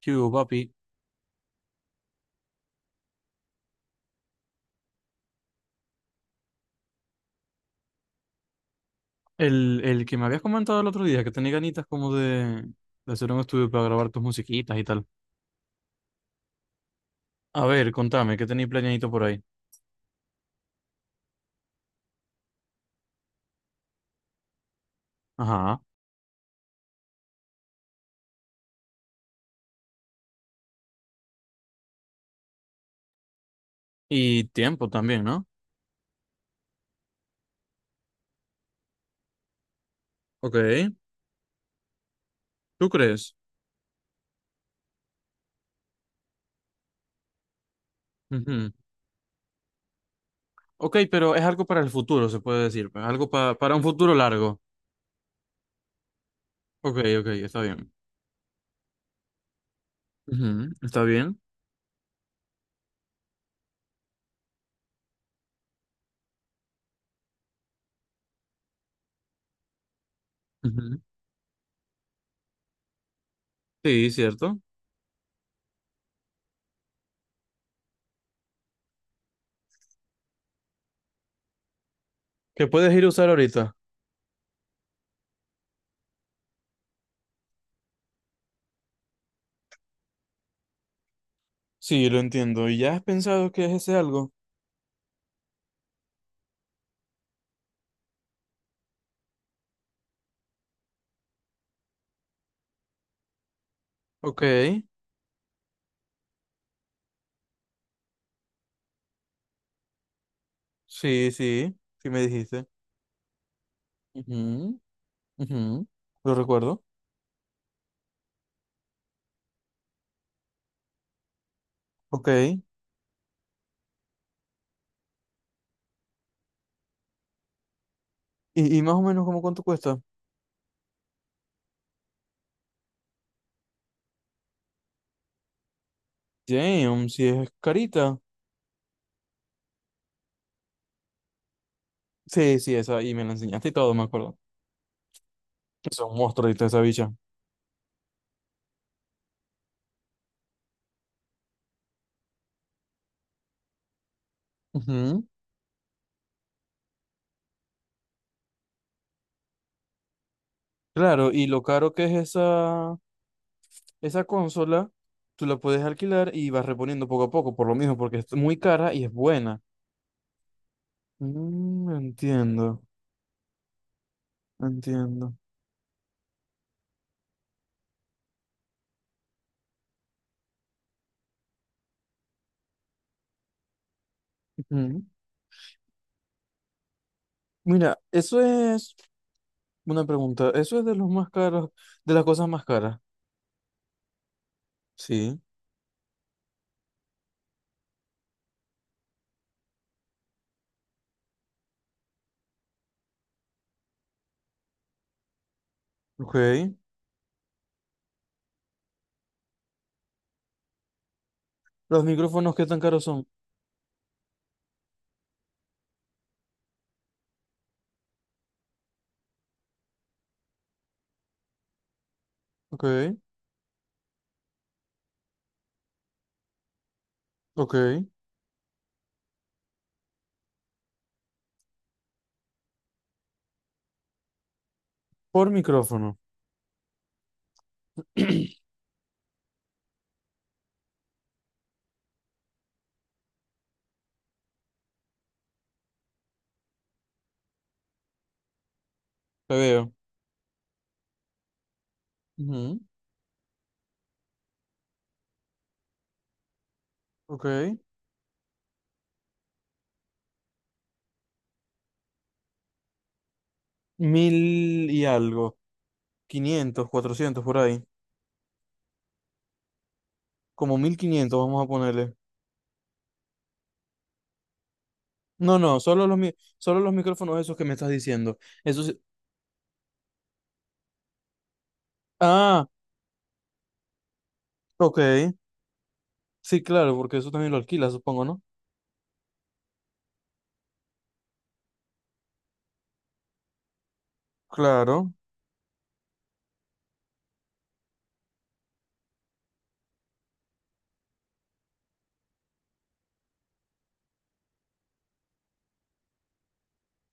¿Qué hubo, papi? El que me habías comentado el otro día, que tenés ganitas como de hacer un estudio para grabar tus musiquitas y tal. A ver, contame, ¿qué tenéis planeadito por ahí? Ajá. Y tiempo también, ¿no? Ok, ¿tú crees? Ujú. Ok, pero es algo para el futuro, se puede decir. Algo para un futuro largo. Ok, ok, está bien. Ujú, ¿está bien? Ujú. Sí, cierto. ¿Que puedes ir a usar ahorita? Sí, lo entiendo. ¿Y ya has pensado qué es ese algo? Ok, sí, sí, sí me dijiste. Ujú. Ujú, lo recuerdo. Ok. ¿Y más o menos cómo cuánto cuesta? Damn, si es carita. Sí, sí, esa. Y me la enseñaste y todo, me acuerdo. Es un monstruo ahorita esa bicha. Ujú. Claro, y lo caro que es esa consola, tú la puedes alquilar y vas reponiendo poco a poco, por lo mismo, porque es muy cara y es buena. Mm, entiendo, entiendo. Ujú. Mira, eso es una pregunta. Eso es de los más caros, de las cosas más caras. Sí. Ok. Los micrófonos, ¿qué tan caros son? Ok, ok. Por micrófono. Te veo. Ujú, ok. Mil y algo, 500, 400 por ahí. Como 1500, vamos a ponerle. No, no, solo los micrófonos esos que me estás diciendo. Eso sí- Ah, ok. Sí, claro, porque eso también lo alquilas, supongo, ¿no? Claro.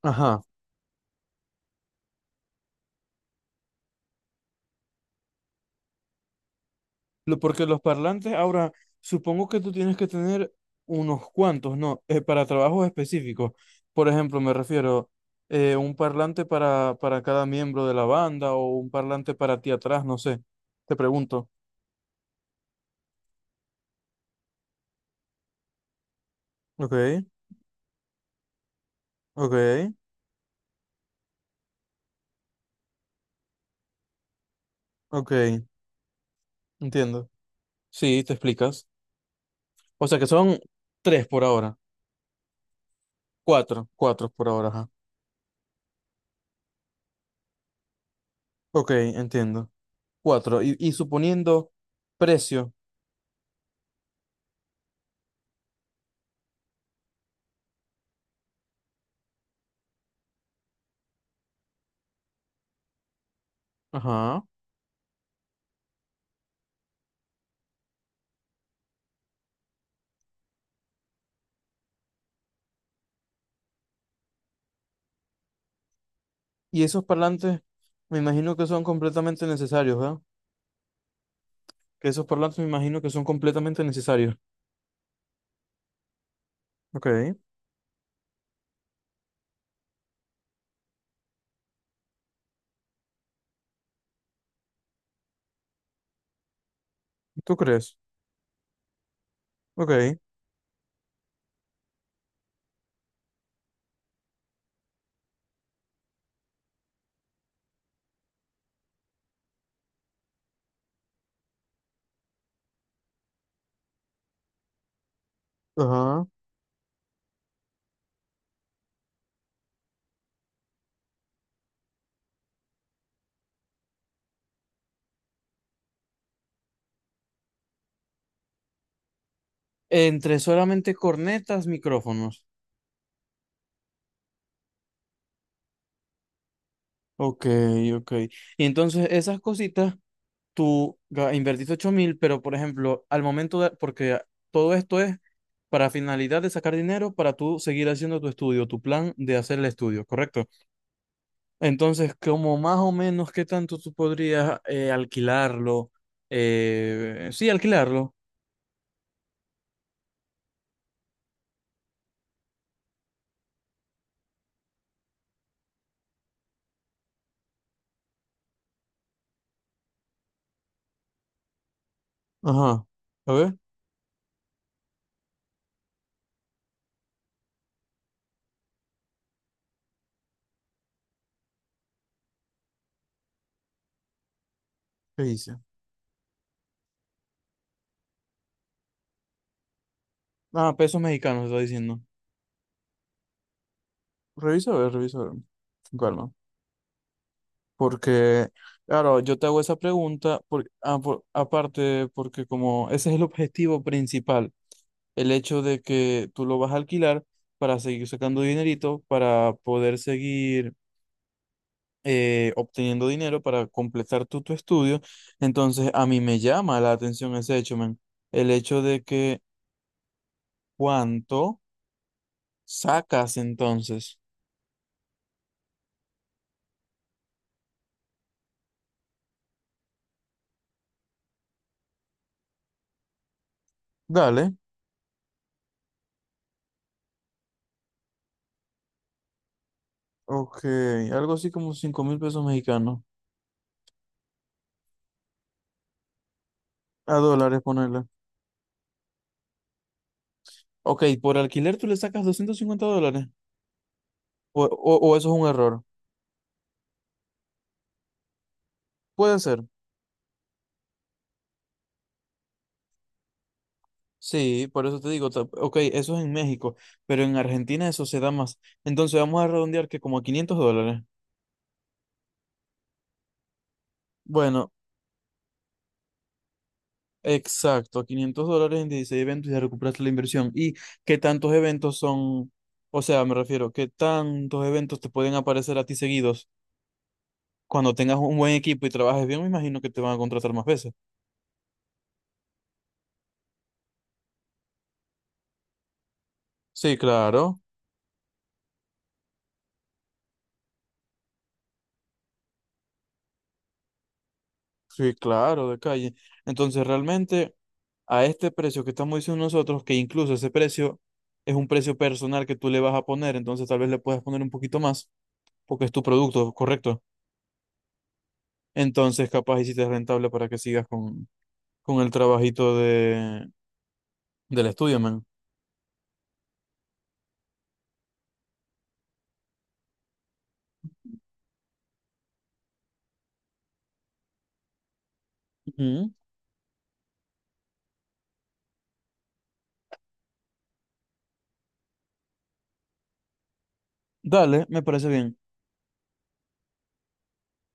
Ajá. Porque los parlantes, ahora, supongo que tú tienes que tener unos cuantos, ¿no? Para trabajos específicos. Por ejemplo, me refiero un parlante para cada miembro de la banda o un parlante para ti atrás, no sé. Te pregunto. Ok, ok, ok. Entiendo. Sí, te explicas. O sea que son tres por ahora. Cuatro, cuatro por ahora, ajá. Ok, entiendo. Cuatro. Y suponiendo precio. Ajá. Y esos parlantes, me imagino que son completamente necesarios, ¿verdad? Que esos parlantes me imagino que son completamente necesarios. Ok, ¿tú crees? Ok, ajá. Entre solamente cornetas, micrófonos. Ok, ok. Y entonces esas cositas, invertiste 8000, pero por ejemplo, al momento de, porque todo esto es para finalidad de sacar dinero para tú seguir haciendo tu estudio, tu plan de hacer el estudio, ¿correcto? Entonces, como más o menos, ¿qué tanto tú podrías alquilarlo? Sí, alquilarlo. Ajá. A ver, ¿qué dice? Ah, pesos mexicanos está diciendo. Revisa, a ver, revisa, a ver. Con calma. Porque, claro, yo te hago esa pregunta, aparte, porque como ese es el objetivo principal, el hecho de que tú lo vas a alquilar para seguir sacando dinerito, para poder seguir obteniendo dinero para completar tu estudio. Entonces, a mí me llama la atención ese hecho, men. El hecho de que cuánto sacas entonces. Dale, ok, algo así como 5000 pesos mexicanos. A dólares ponerle. Ok, por alquiler tú le sacas 250 dólares. O eso es un error. Puede ser. Sí, por eso te digo, ok, eso es en México, pero en Argentina eso se da más. Entonces vamos a redondear que como a 500 dólares. Bueno, exacto, 500 dólares en 16 eventos y ya recuperaste la inversión. ¿Y qué tantos eventos son? O sea, me refiero, ¿qué tantos eventos te pueden aparecer a ti seguidos? Cuando tengas un buen equipo y trabajes bien, me imagino que te van a contratar más veces. Sí, claro, sí, claro, de calle. Entonces, realmente, a este precio que estamos diciendo nosotros, que incluso ese precio es un precio personal que tú le vas a poner, entonces tal vez le puedas poner un poquito más, porque es tu producto, correcto. Entonces, capaz y si te es rentable para que sigas con el trabajito de, del estudio, man. Ujú. Dale, me parece bien.